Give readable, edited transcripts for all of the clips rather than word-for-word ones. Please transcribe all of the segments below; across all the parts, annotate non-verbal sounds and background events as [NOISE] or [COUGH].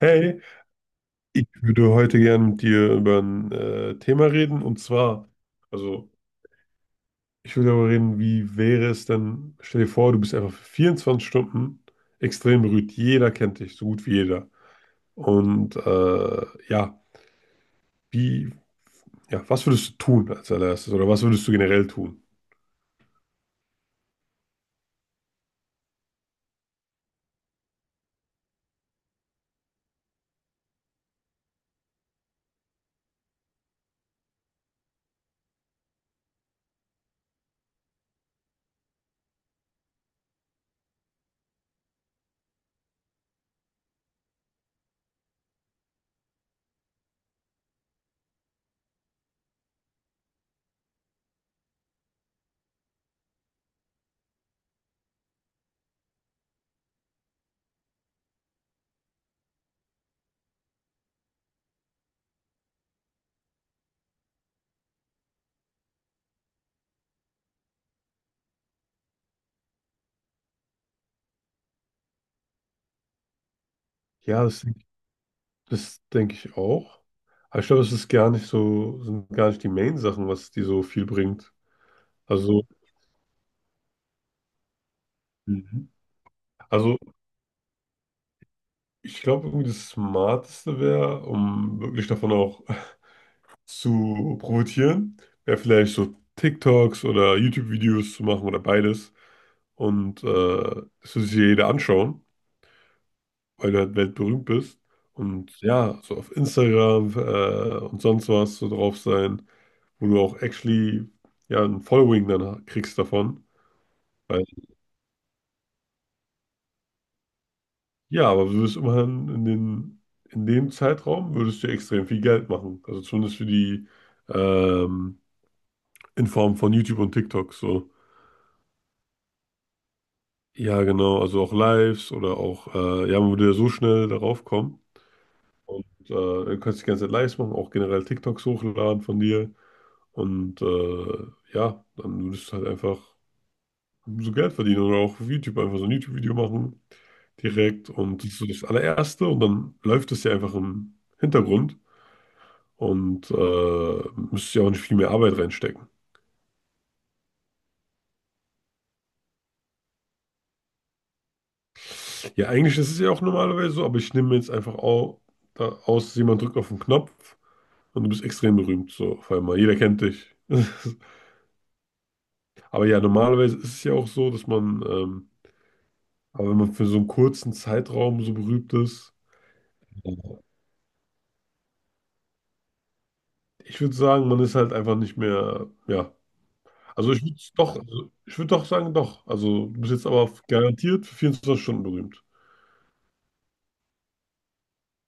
Hey, ich würde heute gerne mit dir über ein Thema reden und zwar, also ich würde darüber reden, wie wäre es denn, stell dir vor, du bist einfach für 24 Stunden extrem berühmt. Jeder kennt dich, so gut wie jeder. Und ja, wie, ja, was würdest du tun als allererstes oder was würdest du generell tun? Ja, das denke ich auch. Aber ich glaube, es ist gar nicht so, sind gar nicht die Main-Sachen, was die so viel bringt. Also, Mhm. also ich glaube, irgendwie das Smarteste wäre, um wirklich davon auch [LAUGHS] zu profitieren, wäre vielleicht so TikToks oder YouTube-Videos zu machen oder beides. Und das würde sich ja jeder anschauen, weil du halt weltberühmt bist. Und ja, so auf Instagram und sonst was so drauf sein, wo du auch actually ja ein Following dann kriegst davon. Weil Ja, aber du wirst immerhin in den, in dem Zeitraum würdest du extrem viel Geld machen. Also zumindest für die, ähm, in Form von YouTube und TikTok, so. Ja, genau, also auch Lives oder auch, ja, man würde ja so schnell darauf kommen. Und du kannst die ganze Zeit Lives machen, auch generell TikToks hochladen von dir. Und ja, dann würdest du halt einfach so Geld verdienen oder auch auf YouTube einfach so ein YouTube-Video machen direkt. Und das ist so das allererste und dann läuft es ja einfach im Hintergrund. Und müsste ja auch nicht viel mehr Arbeit reinstecken. Ja, eigentlich ist es ja auch normalerweise so, aber ich nehme mir jetzt einfach jemand drückt auf den Knopf und du bist extrem berühmt. So, auf einmal. Jeder kennt dich. [LAUGHS] Aber ja, normalerweise ist es ja auch so, dass man, aber wenn man für so einen kurzen Zeitraum so berühmt ist, ich würde sagen, man ist halt einfach nicht mehr, ja. Also ich würde doch sagen, doch. Also du bist jetzt aber garantiert für 24 Stunden berühmt.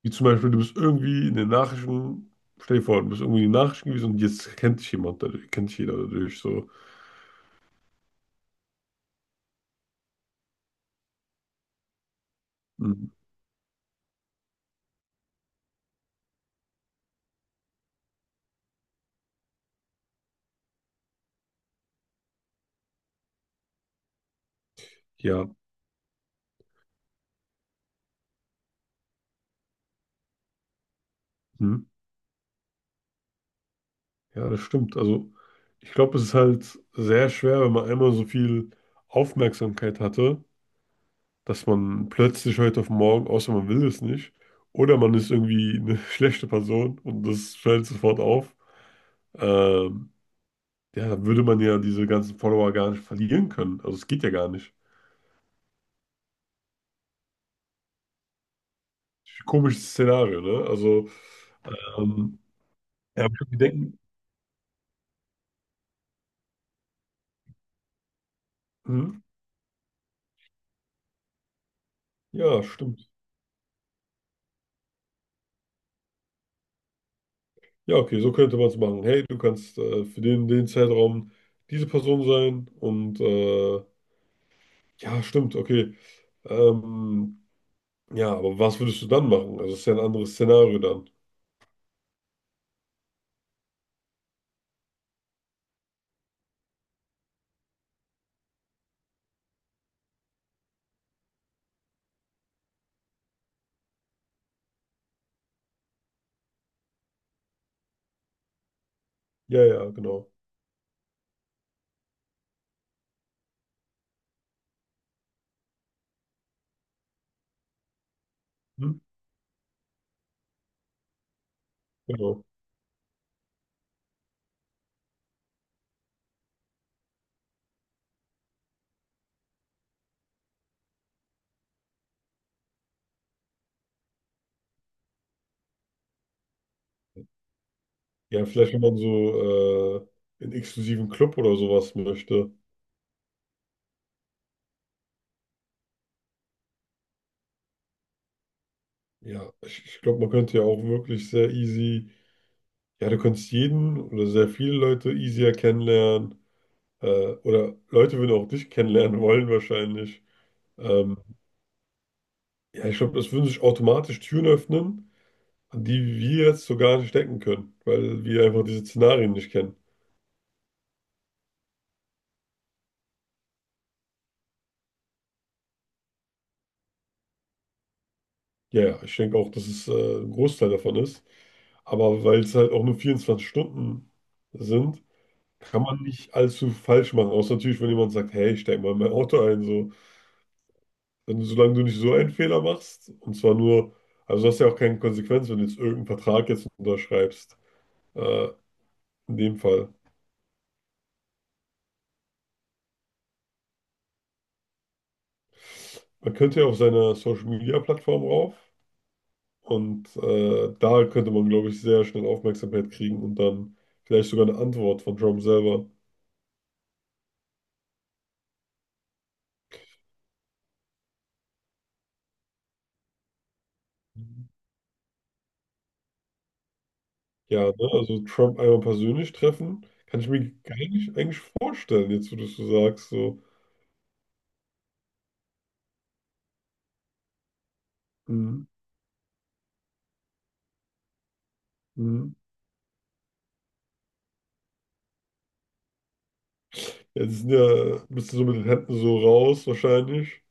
Wie zum Beispiel, du bist irgendwie in den Nachrichten, stell dir vor, du bist irgendwie in den Nachrichten gewesen und jetzt kennt dich jeder dadurch. So, hm, ja, hm, ja, das stimmt. Also, ich glaube, es ist halt sehr schwer, wenn man einmal so viel Aufmerksamkeit hatte, dass man plötzlich heute auf morgen, außer man will es nicht, oder man ist irgendwie eine [LAUGHS] schlechte Person und das fällt sofort auf. Ähm, ja, dann würde man ja diese ganzen Follower gar nicht verlieren können. Also, es geht ja gar nicht. Komisches Szenario, ne? Also, ähm, ja, hab ich schon gedenkt. Mhm. Ja, stimmt. Ja, okay, so könnte man es machen. Hey, du kannst für den Zeitraum diese Person sein und ja, stimmt, okay. Ähm, ja, aber was würdest du dann machen? Also, es ist ja ein anderes Szenario dann. Ja, ja, genau. Mhm. Genau. Ja, vielleicht, wenn man so in exklusiven Club oder sowas möchte. Ja, ich glaube, man könnte ja auch wirklich sehr easy, ja, du könntest jeden oder sehr viele Leute easier kennenlernen. Oder Leute würden auch dich kennenlernen [LAUGHS] wollen wahrscheinlich. Ähm, ja, ich glaube, das würden sich automatisch Türen öffnen, an die wir jetzt so gar nicht denken können, weil wir einfach diese Szenarien nicht kennen. Ja, ja, ich denke auch, dass es ein Großteil davon ist. Aber weil es halt auch nur 24 Stunden sind, kann man nicht allzu falsch machen. Außer natürlich, wenn jemand sagt, hey, steig mal in mein Auto ein. So. Wenn du, Solange du nicht so einen Fehler machst, und zwar nur, also du hast ja auch keine Konsequenz, wenn du jetzt irgendeinen Vertrag jetzt unterschreibst. Äh, in dem Fall. Man könnte ja auf seiner Social-Media-Plattform rauf und da könnte man, glaube ich, sehr schnell Aufmerksamkeit kriegen und dann vielleicht sogar eine Antwort von Trump selber. Ja, ne? Also Trump einmal persönlich treffen, kann ich mir gar nicht eigentlich vorstellen, jetzt wo du es so sagst. So. Mhm. Mhm. Ja, die sind ja ein bisschen so mit den Händen so raus wahrscheinlich.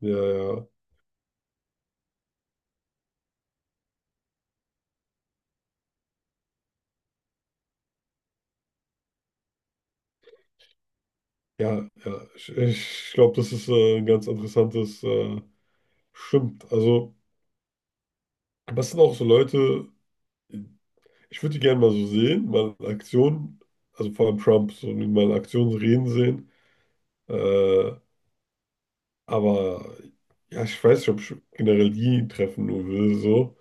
Ja, ja, ja, ja. Ich glaube, das ist ein ganz interessantes, stimmt. Also, was sind auch so Leute, ich würde die gerne mal so sehen, mal in Aktion, also vor allem Trump, so mal in Aktion reden sehen. Äh, aber ja, ich weiß nicht, ob ich generell die treffen nur will, so.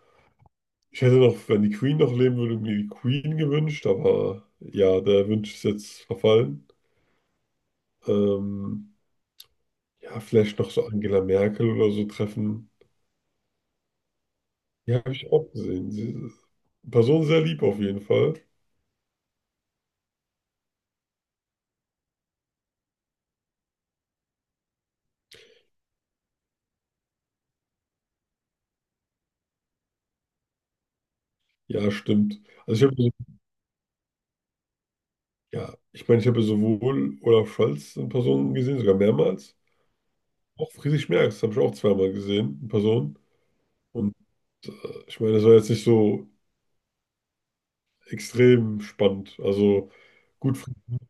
Ich hätte noch, wenn die Queen noch leben würde, mir die Queen gewünscht, aber ja, der Wunsch ist jetzt verfallen. Ähm, ja, vielleicht noch so Angela Merkel oder so treffen. Die habe ich auch gesehen. Sie, Person sehr lieb auf jeden Fall. Ja, stimmt. Also ich habe Ja, ich meine, ich habe ja sowohl Olaf Scholz in Person gesehen, sogar mehrmals. Auch Friedrich Merz habe ich auch zweimal gesehen in Person. Und äh, ich meine, das war jetzt nicht so extrem spannend. Also gut, Friedrich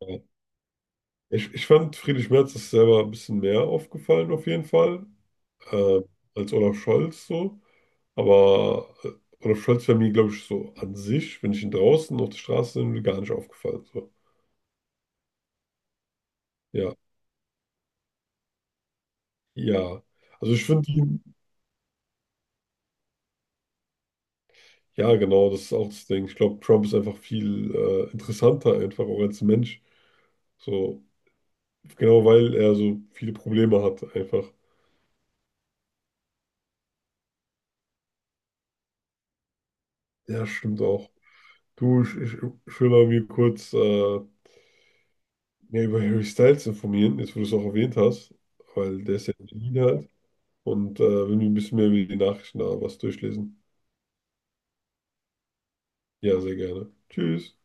Merz. Ich fand, Friedrich Merz ist selber ein bisschen mehr aufgefallen auf jeden Fall äh, als Olaf Scholz so. Aber Olaf Scholz wäre mir, glaube ich, so an sich, wenn ich ihn draußen auf der Straße sehen würde, gar nicht aufgefallen. So. Ja, ja. Also ich finde ihn. Ja, genau, das ist auch das Ding. Ich glaube, Trump ist einfach viel interessanter, einfach auch als Mensch. So, genau weil er so viele Probleme hat, einfach. Ja, stimmt auch. Du, ich will mal mir kurz mehr über Harry Styles informieren, jetzt wo du es auch erwähnt hast, weil der ist ja in Berlin halt. Und wenn wir ein bisschen mehr über die Nachrichten da was durchlesen. Ja, sehr gerne. Tschüss.